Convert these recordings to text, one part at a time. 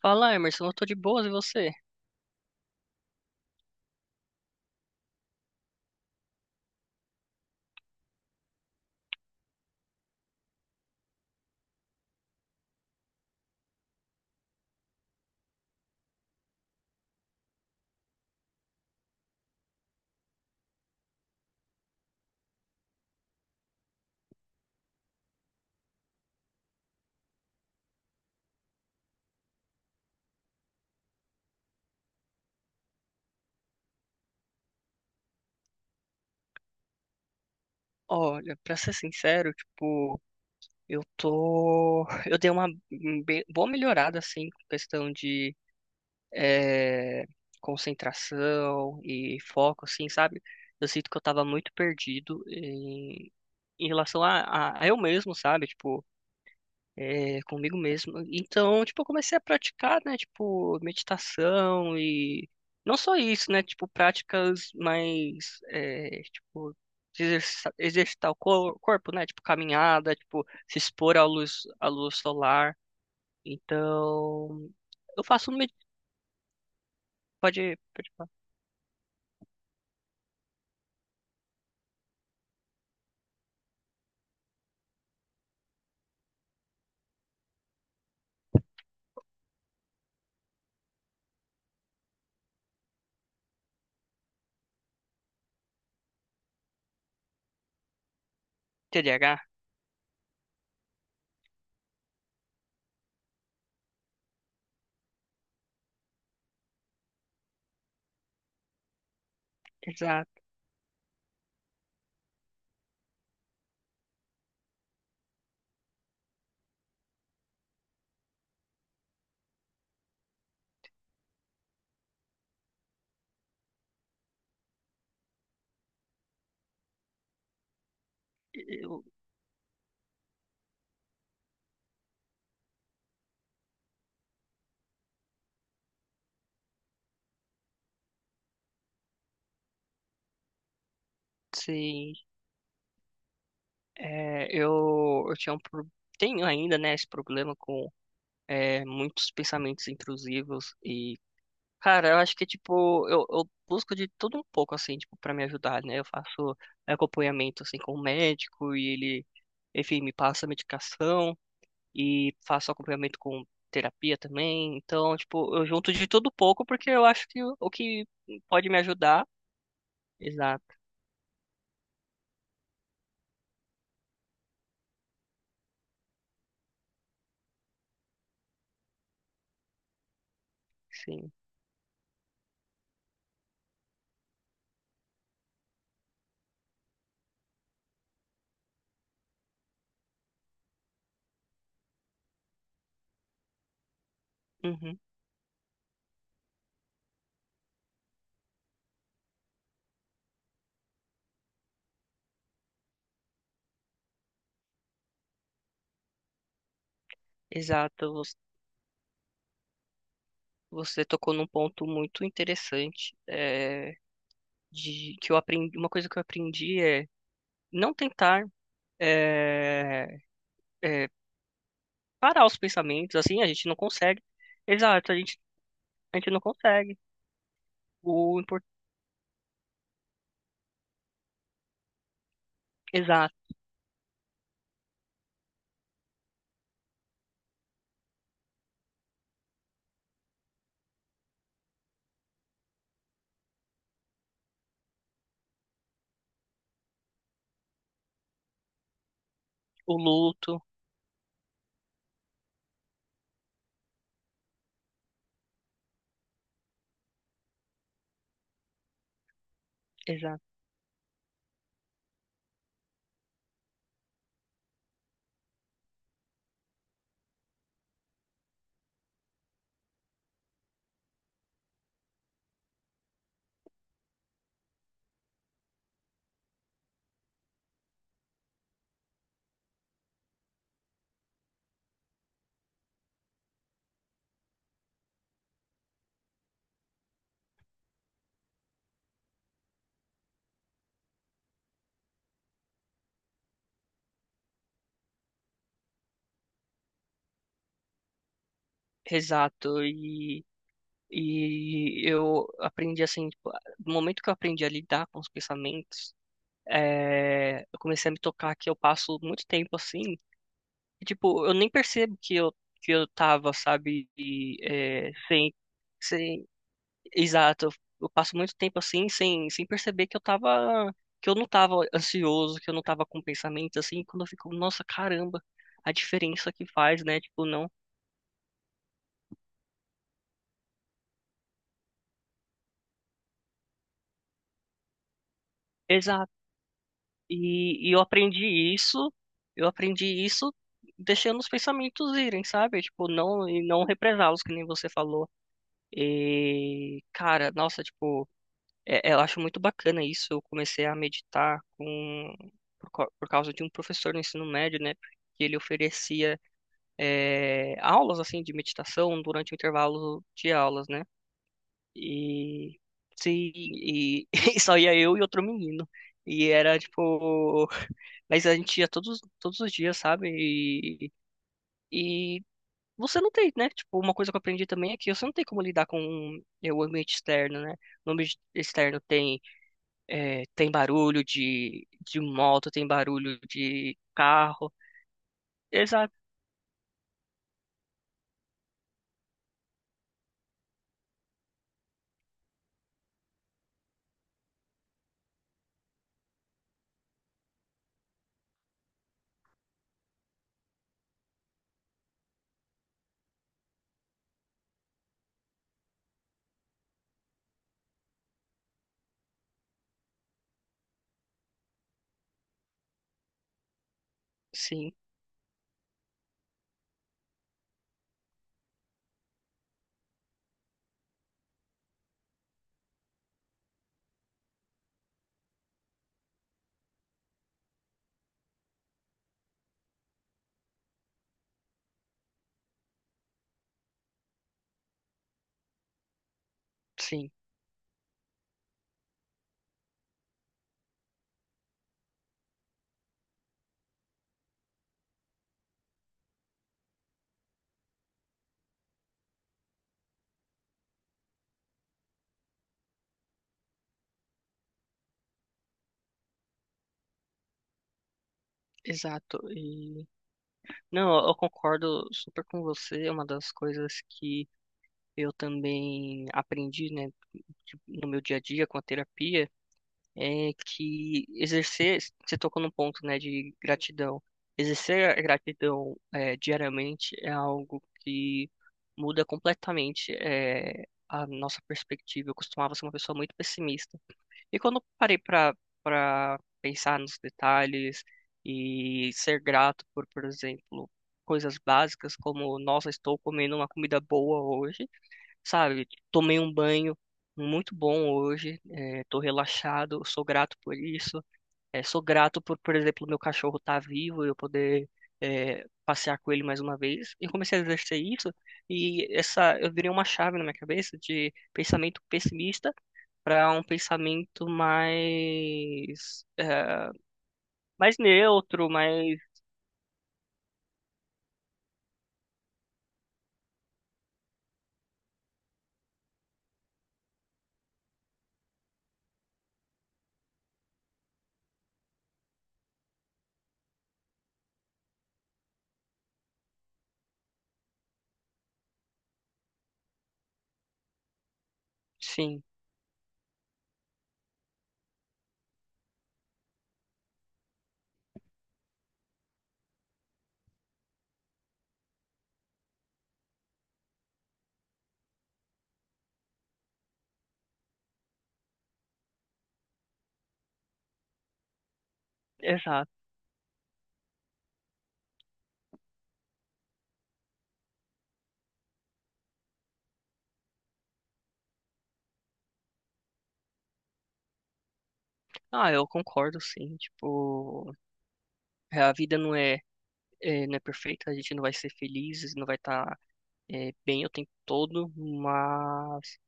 Fala, Emerson, eu tô de boas e você? Olha, pra ser sincero, tipo, eu tô. Eu dei uma boa melhorada, assim, com questão de eh, concentração e foco, assim, sabe? Eu sinto que eu tava muito perdido em, em relação a, a eu mesmo, sabe? Tipo, é, comigo mesmo. Então, tipo, eu comecei a praticar, né, tipo, meditação e não só isso, né, tipo, práticas mais, é, tipo, de exercitar o corpo, né, tipo, caminhada, tipo, se expor à luz solar. Então, eu faço, um med- pode, pode falar. TDAH, exato. Eu, sim, é, eu tinha um, tenho ainda, né, esse problema com é, muitos pensamentos intrusivos. Cara, eu acho que, tipo, eu busco de tudo um pouco, assim, tipo, pra me ajudar, né? Eu faço acompanhamento, assim, com o médico e ele, enfim, me passa medicação e faço acompanhamento com terapia também. Então, tipo, eu junto de tudo um pouco porque eu acho que o que pode me ajudar. Exato, sim. Uhum, exato. Você tocou num ponto muito interessante, é, de que eu aprendi, uma coisa que eu aprendi é não tentar. É, parar os pensamentos, assim, a gente não consegue. Exato, a gente não consegue. O impor- exato, o luto, exato, exato. E eu aprendi assim, tipo, no momento que eu aprendi a lidar com os pensamentos, é, eu comecei a me tocar que eu passo muito tempo assim, e, tipo, eu nem percebo que eu tava, sabe, e, é, sem, sem. Exato, eu passo muito tempo assim sem, sem perceber que eu tava, que eu não tava ansioso, que eu não tava com pensamento assim, quando eu fico, nossa, caramba, a diferença que faz, né? Tipo, não. Exato. E eu aprendi isso, eu aprendi isso deixando os pensamentos irem, sabe? Tipo, não, e não represá-los, que nem você falou. E, cara, nossa, tipo, é, eu acho muito bacana isso. Eu comecei a meditar com, por causa de um professor no ensino médio, né? Que ele oferecia é, aulas assim de meditação durante o intervalo de aulas, né? E se e, e só ia eu e outro menino. E era tipo, mas a gente ia todos os dias, sabe? E você não tem, né? Tipo, uma coisa que eu aprendi também é que você não tem como lidar com é, o ambiente externo, né? No ambiente externo tem é, tem barulho de moto, tem barulho de carro. Exato, sim, sim, exato. E não, eu concordo super com você. É uma das coisas que eu também aprendi, né, de- no meu dia a dia com a terapia, é que exercer, você tocou num ponto, né, de gratidão. Exercer a gratidão diariamente é algo que muda completamente a nossa perspectiva. Eu costumava ser uma pessoa muito pessimista. E quando eu parei para pensar nos detalhes e ser grato por exemplo, coisas básicas como, nossa, estou comendo uma comida boa hoje, sabe? Tomei um banho muito bom hoje, estou relaxado, sou grato por isso. Sou grato por exemplo, meu cachorro estar vivo e eu poder passear com ele mais uma vez. E eu comecei a exercer isso e essa eu virei uma chave na minha cabeça de pensamento pessimista para um pensamento mais, mais neutro, mais, sim, exato. Ah, eu concordo, sim. Tipo, a vida não é, não é perfeita, a gente não vai ser feliz, não vai estar, bem o tempo todo, mas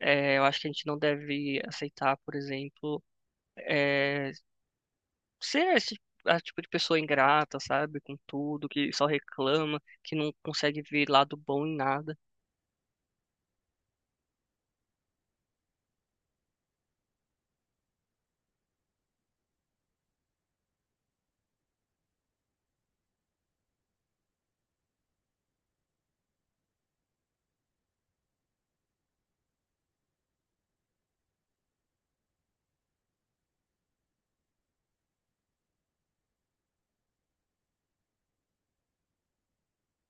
eu acho que a gente não deve aceitar, por exemplo, eh, ser esse a tipo de pessoa ingrata, sabe, com tudo, que só reclama, que não consegue ver lado bom em nada.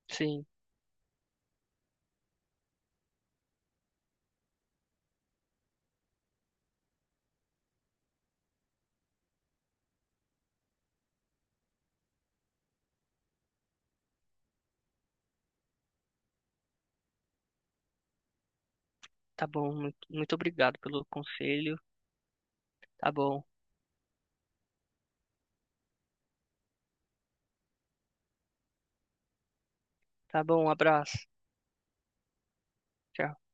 Sim. Tá bom, muito, muito obrigado pelo conselho. Tá bom, tá bom, um abraço. Tchau.